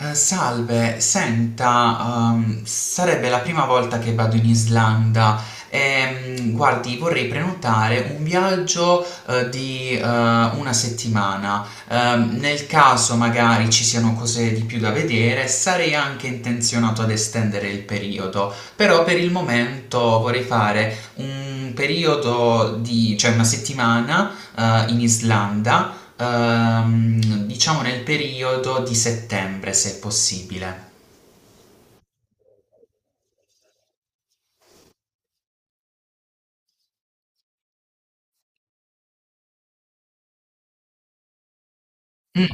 Salve, senta, sarebbe la prima volta che vado in Islanda guardi, vorrei prenotare un viaggio, di, una settimana. Nel caso magari ci siano cose di più da vedere, sarei anche intenzionato ad estendere il periodo, però per il momento vorrei fare un periodo di, cioè una settimana, in Islanda. Diciamo nel periodo di settembre, se è possibile. Mm.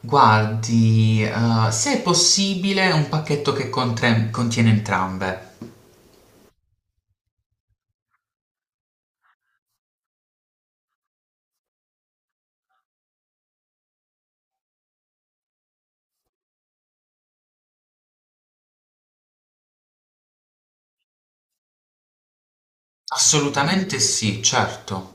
Guardi, se è possibile, un pacchetto che contiene entrambe. Assolutamente sì, certo.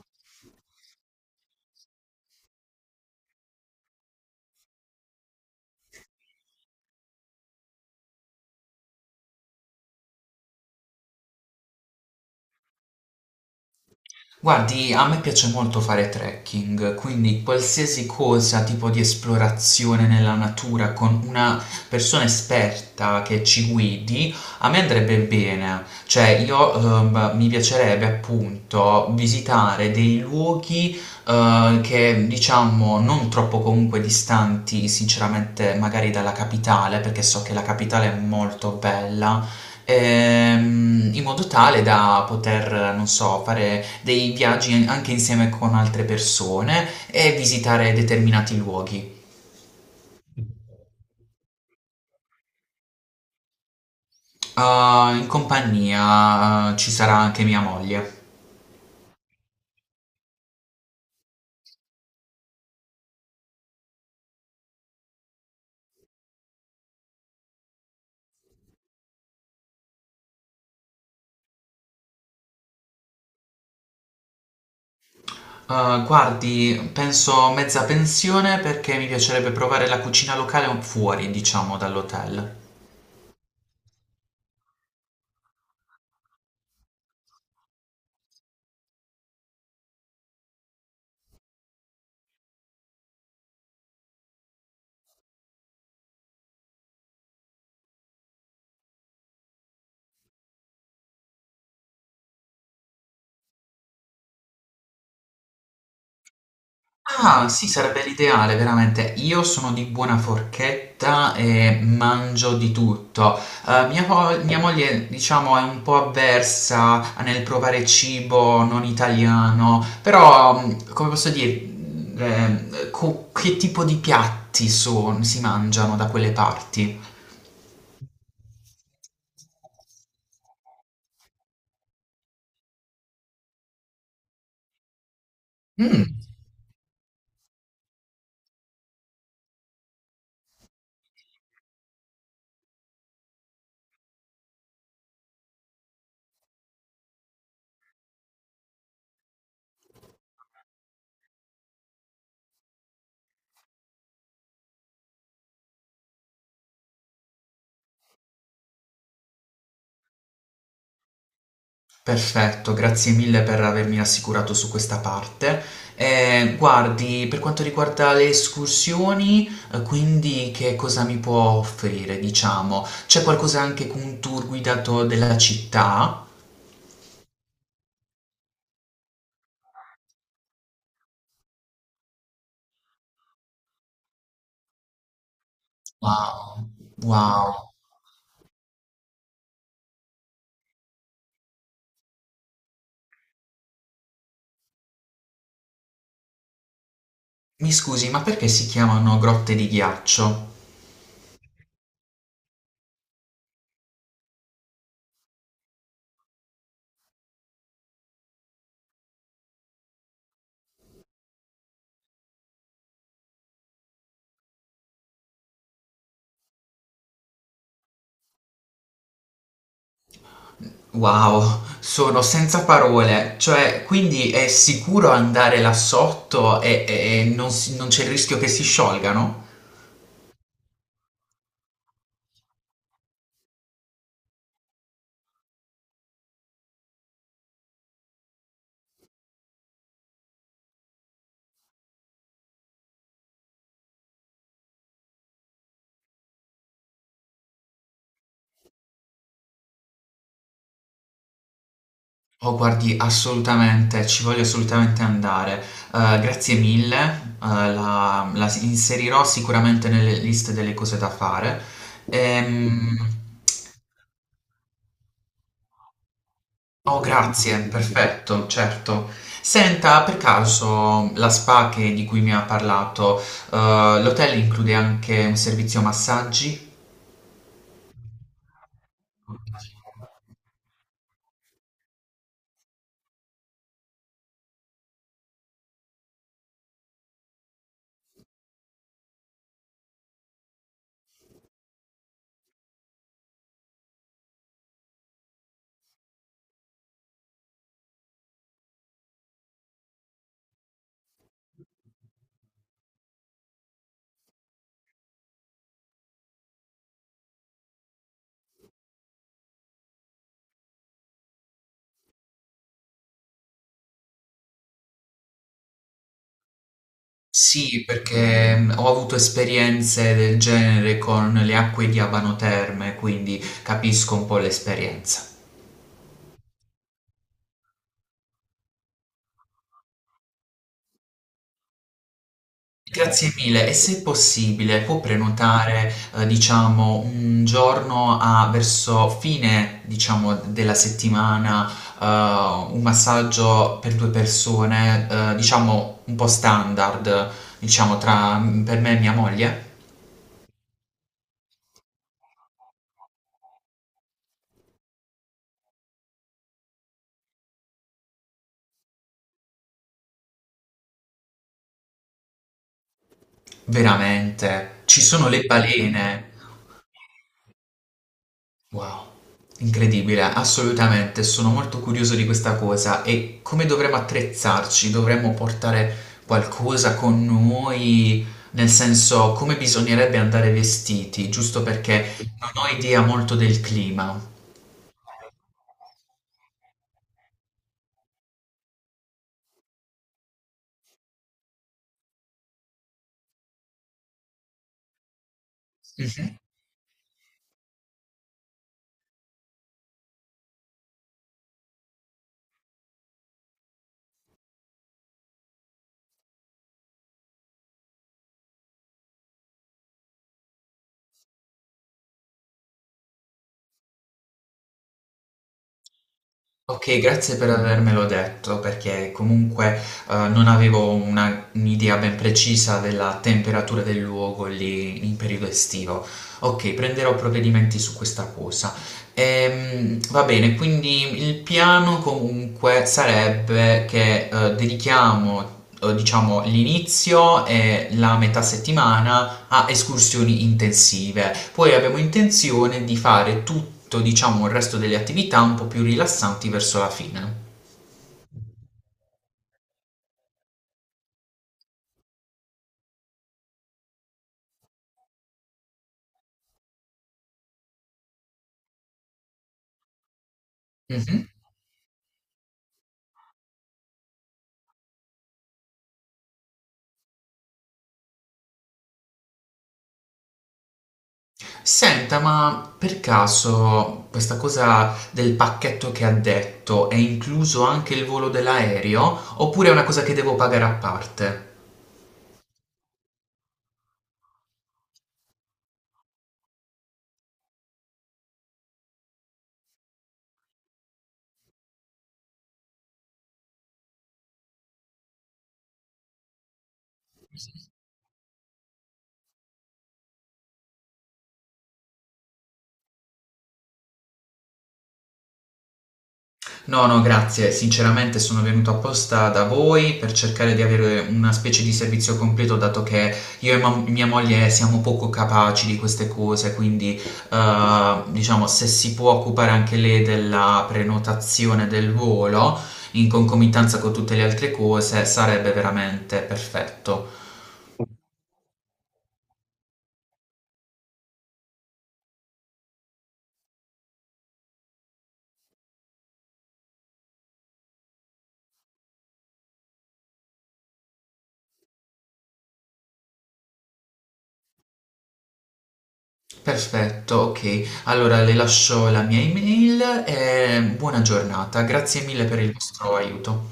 Guardi, a me piace molto fare trekking, quindi qualsiasi cosa, tipo di esplorazione nella natura con una persona esperta che ci guidi, a me andrebbe bene. Cioè, io mi piacerebbe appunto visitare dei luoghi che diciamo non troppo comunque distanti, sinceramente, magari dalla capitale, perché so che la capitale è molto bella, in modo tale da poter, non so, fare dei viaggi anche insieme con altre persone e visitare determinati luoghi. Ah, in compagnia, ah, ci sarà anche mia moglie. Ah, guardi, penso mezza pensione perché mi piacerebbe provare la cucina locale fuori, diciamo, dall'hotel. Ah, sì, sarebbe l'ideale, veramente. Io sono di buona forchetta e mangio di tutto. Mia moglie, diciamo, è un po' avversa nel provare cibo non italiano, però, come posso dire, mh, che tipo di si mangiano da quelle parti? Mm. Perfetto, grazie mille per avermi rassicurato su questa parte. Guardi, per quanto riguarda le escursioni, quindi che cosa mi può offrire, diciamo? C'è qualcosa anche con un tour guidato della città? Wow, wow. Mi scusi, ma perché si chiamano grotte di ghiaccio? Wow, sono senza parole. Cioè, quindi è sicuro andare là sotto e, e non c'è il rischio che si sciolgano? Oh, guardi, assolutamente, ci voglio assolutamente andare. Grazie mille, inserirò sicuramente nelle liste delle cose da fare. Ehm, oh, grazie, perfetto, certo. Senta, per caso la di cui mi ha parlato, l'hotel include anche un servizio massaggi? Sì, perché ho avuto esperienze del genere con le acque di Abano Terme, quindi capisco un po' l'esperienza. Grazie mille e se possibile può prenotare, diciamo, un giorno a verso fine, diciamo, della settimana, un massaggio per 2 persone, diciamo un po' standard, diciamo tra, per me e mia moglie? Veramente, ci sono le balene. Wow, incredibile, assolutamente, sono molto curioso di questa cosa e come dovremmo attrezzarci? Dovremmo portare qualcosa con noi, nel senso come bisognerebbe andare vestiti, giusto perché non ho idea molto del clima. Mhm. Okay, grazie per avermelo detto, perché comunque, non avevo una un'idea ben precisa della temperatura del luogo lì in periodo estivo. Okay, prenderò provvedimenti su questa cosa. Va bene, quindi il piano comunque sarebbe che, dedichiamo, diciamo l'inizio e la metà settimana a escursioni intensive. Poi abbiamo intenzione di fare tutto, diciamo, il resto delle attività un po' più rilassanti verso la fine. Mh-mh. Senta, ma per caso questa cosa del pacchetto che ha detto è incluso anche il volo dell'aereo oppure è una cosa che devo pagare a parte? No, no, grazie. Sinceramente sono venuto apposta da voi per cercare di avere una specie di servizio completo, dato che io e mia moglie siamo poco capaci di queste cose, quindi diciamo se si può occupare anche lei della prenotazione del volo in concomitanza con tutte le altre cose, sarebbe veramente perfetto. Perfetto, ok. Allora le lascio la mia email e buona giornata. Grazie mille per il vostro aiuto.